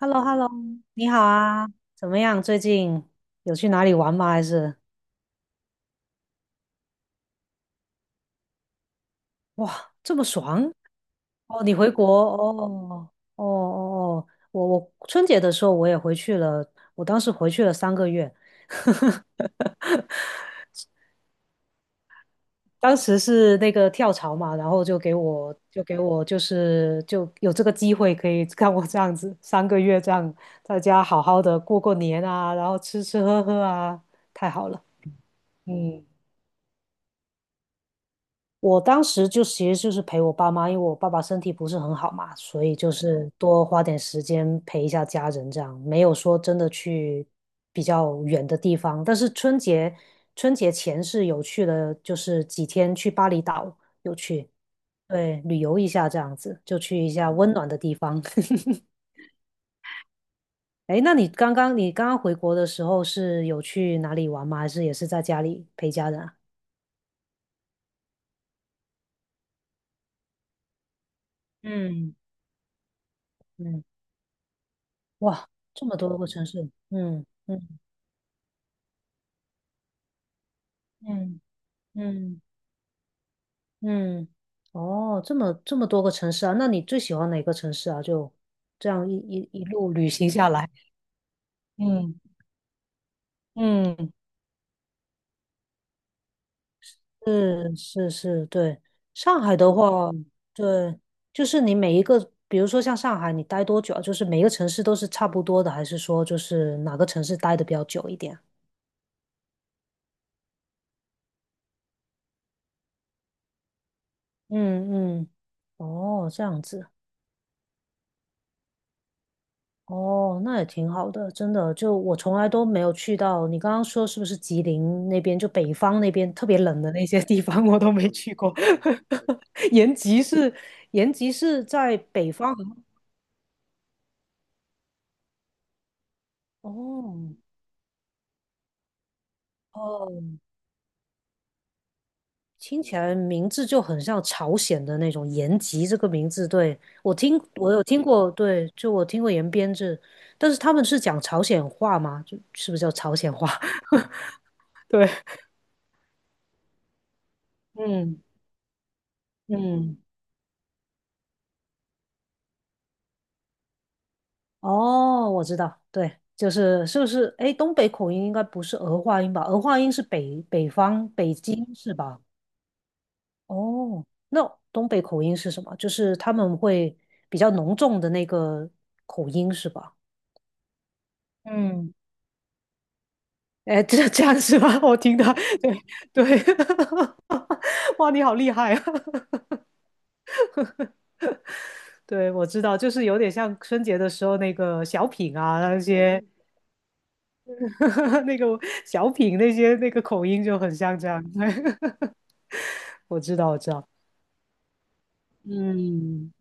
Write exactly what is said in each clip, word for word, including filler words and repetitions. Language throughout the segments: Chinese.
h e l l o h e l l o 你好啊，怎么样？最近有去哪里玩吗？还是。哇，这么爽哦！你回国哦哦哦哦，我我春节的时候我也回去了，我当时回去了三个月。当时是那个跳槽嘛，然后就给我就给我就是就有这个机会可以看我这样子三个月这样在家好好的过过年啊，然后吃吃喝喝啊，太好了，嗯。我当时就其实就是陪我爸妈，因为我爸爸身体不是很好嘛，所以就是多花点时间陪一下家人，这样没有说真的去比较远的地方。但是春节春节前是有去了，就是几天去巴厘岛，有去，对，旅游一下这样子，就去一下温暖的地方。哎那你刚刚你刚刚回国的时候是有去哪里玩吗？还是也是在家里陪家人啊？嗯嗯，哇，这么多个城市，嗯嗯嗯嗯嗯，哦，这么这么多个城市啊，那你最喜欢哪个城市啊？就这样一一一路旅行下来，嗯嗯，是是是，对。上海的话，对，就是你每一个，比如说像上海，你待多久啊？就是每个城市都是差不多的，还是说就是哪个城市待的比较久一点？嗯嗯，哦，这样子。哦，那也挺好的，真的。就我从来都没有去到，你刚刚说是不是吉林那边，就北方那边特别冷的那些地方，我都没去过。延吉是延吉是在北方，哦哦，听起来名字就很像朝鲜的那种延吉这个名字。对，我听我有听过，对，就我听过延边这，但是他们是讲朝鲜话吗？就是不是叫朝鲜话？对，嗯嗯。哦，我知道，对，就是是不是？哎，东北口音应该不是儿化音吧？儿化音是北北方北京是吧？哦，那东北口音是什么？就是他们会比较浓重的那个口音是吧？嗯，哎，这这样是吧？我听到，对对，哇，你好厉害啊！对，我知道，就是有点像春节的时候那个小品啊，那些 那个小品那些那个口音就很像这样。我知道，我知道。嗯，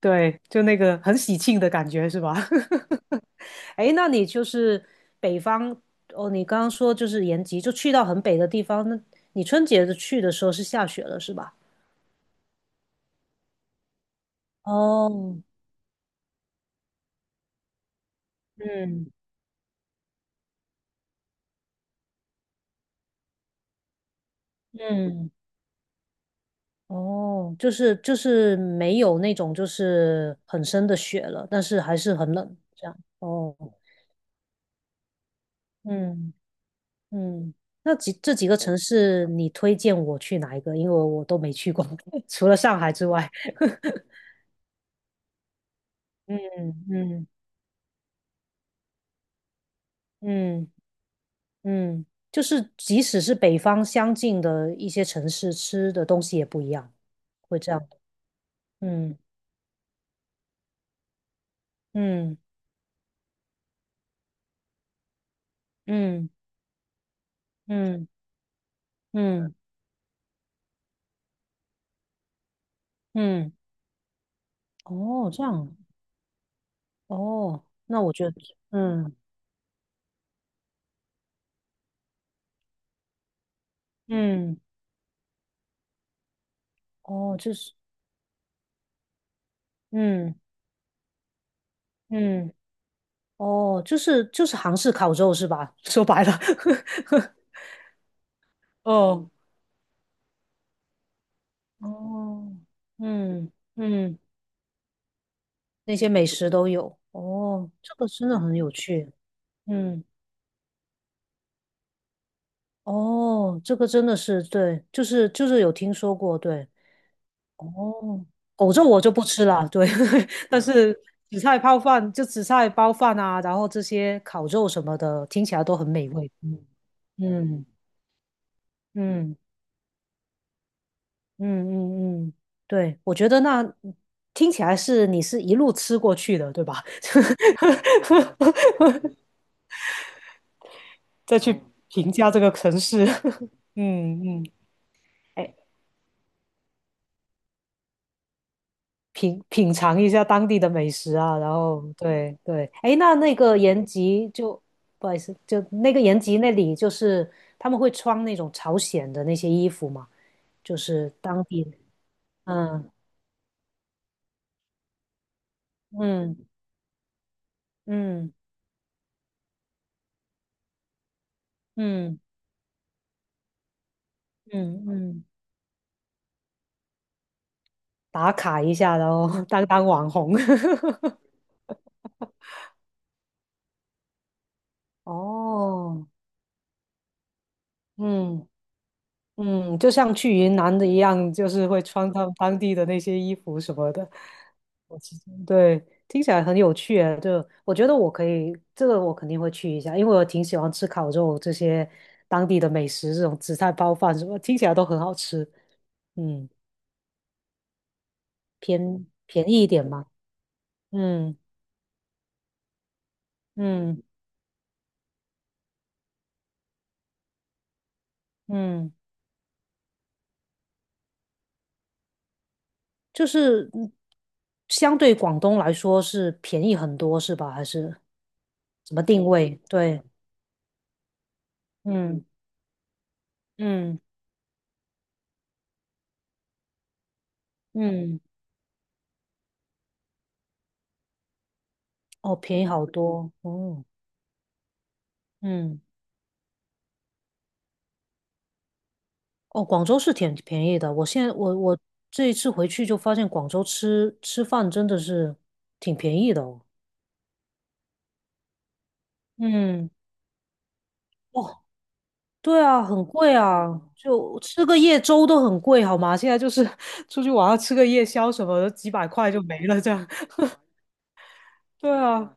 对，就那个很喜庆的感觉是吧？哎那你就是北方哦，你刚刚说就是延吉，就去到很北的地方，那你春节的去的时候是下雪了是吧？哦，嗯嗯，哦，就是就是没有那种就是很深的雪了，但是还是很冷，这样。哦，嗯嗯，那几这几个城市你推荐我去哪一个？因为我都没去过，除了上海之外。嗯嗯。嗯嗯，就是即使是北方相近的一些城市，吃的东西也不一样，会这样的。嗯嗯嗯嗯嗯嗯，哦，这样，哦，那我觉得，嗯嗯，哦，就是，嗯嗯，哦，就是就是韩式烤肉是吧？说白了，哦哦，嗯嗯，那些美食都有，哦，这个真的很有趣。嗯。哦，这个真的是对，就是就是有听说过，对。哦，狗肉我就不吃了，对。但是紫菜泡饭，就紫菜包饭啊，然后这些烤肉什么的，听起来都很美味。嗯嗯嗯嗯嗯嗯，对，我觉得那听起来是你是一路吃过去的，对吧？再去评价这个城市。嗯嗯，哎，品品尝一下当地的美食啊，然后对对，哎，那那个延吉就不好意思，就那个延吉那里就是他们会穿那种朝鲜的那些衣服嘛，就是当地，嗯嗯嗯嗯嗯嗯，打卡一下，然后 当当网红，哦，嗯。嗯，就像去云南的一样，就是会穿他们当地的那些衣服什么的。我其实对，听起来很有趣诶，就我觉得我可以，这个我肯定会去一下，因为我挺喜欢吃烤肉这些当地的美食，这种紫菜包饭什么，听起来都很好吃。嗯，偏便宜一点嘛。嗯嗯嗯，就是嗯相对广东来说是便宜很多是吧？还是怎么定位？对，嗯嗯嗯。哦，便宜好多哦，嗯，哦，广州是挺便宜的。我现在我我这一次回去就发现广州吃吃饭真的是挺便宜的哦。嗯，哦，对啊，很贵啊，就吃个夜粥都很贵，好吗？现在就是 出去晚上吃个夜宵什么的，几百块就没了这样。对啊，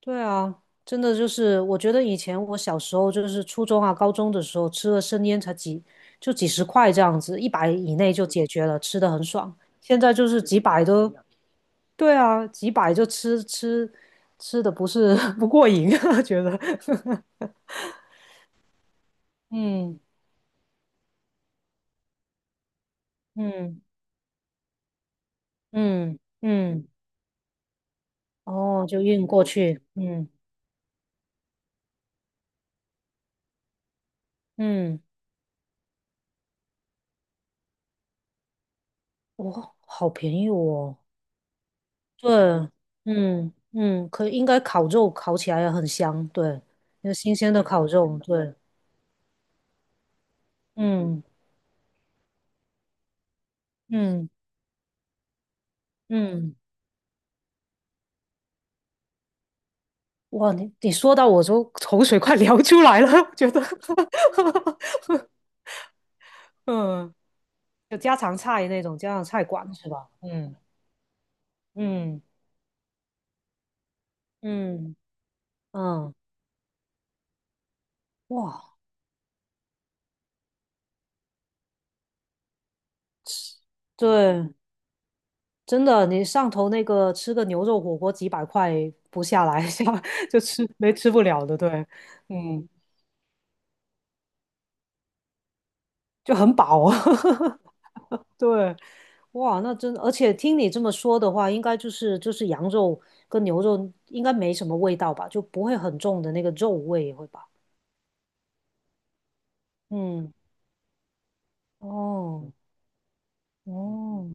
对啊，真的就是，我觉得以前我小时候就是初中啊、高中的时候吃了生腌才几就几十块这样子，一百以内就解决了，吃的很爽。现在就是几百都，对啊，几百就吃吃吃的不是 不过瘾，觉得，嗯嗯嗯嗯，哦，就运过去，嗯嗯，哇，好便宜哦。对，嗯嗯，可应该烤肉烤起来也很香，对，有新鲜的烤肉，对，嗯嗯嗯，哇，你你说到我都口水快流出来了，觉得，嗯，有家常菜那种家常菜馆是吧？嗯嗯嗯嗯，哇，对，真的，你上头那个吃个牛肉火锅几百块不下来，下就吃没吃不了的，对，嗯，就很饱啊。对，哇，那真而且听你这么说的话，应该就是就是羊肉跟牛肉应该没什么味道吧，就不会很重的那个肉味，会吧？嗯，哦，哦，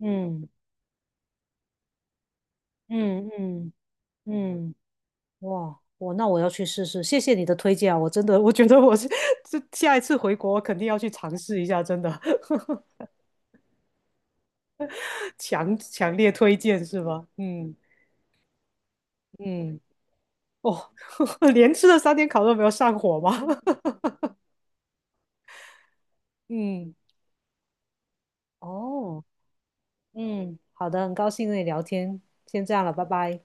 嗯嗯嗯嗯，哇，我那我要去试试，谢谢你的推荐啊，我真的我觉得我是 这下一次回国我肯定要去尝试一下，真的，强强烈推荐是吧？嗯嗯，哦，连吃了三天烤肉没有上火吗？嗯，哦。嗯，好的，很高兴跟你聊天，先这样了，拜拜。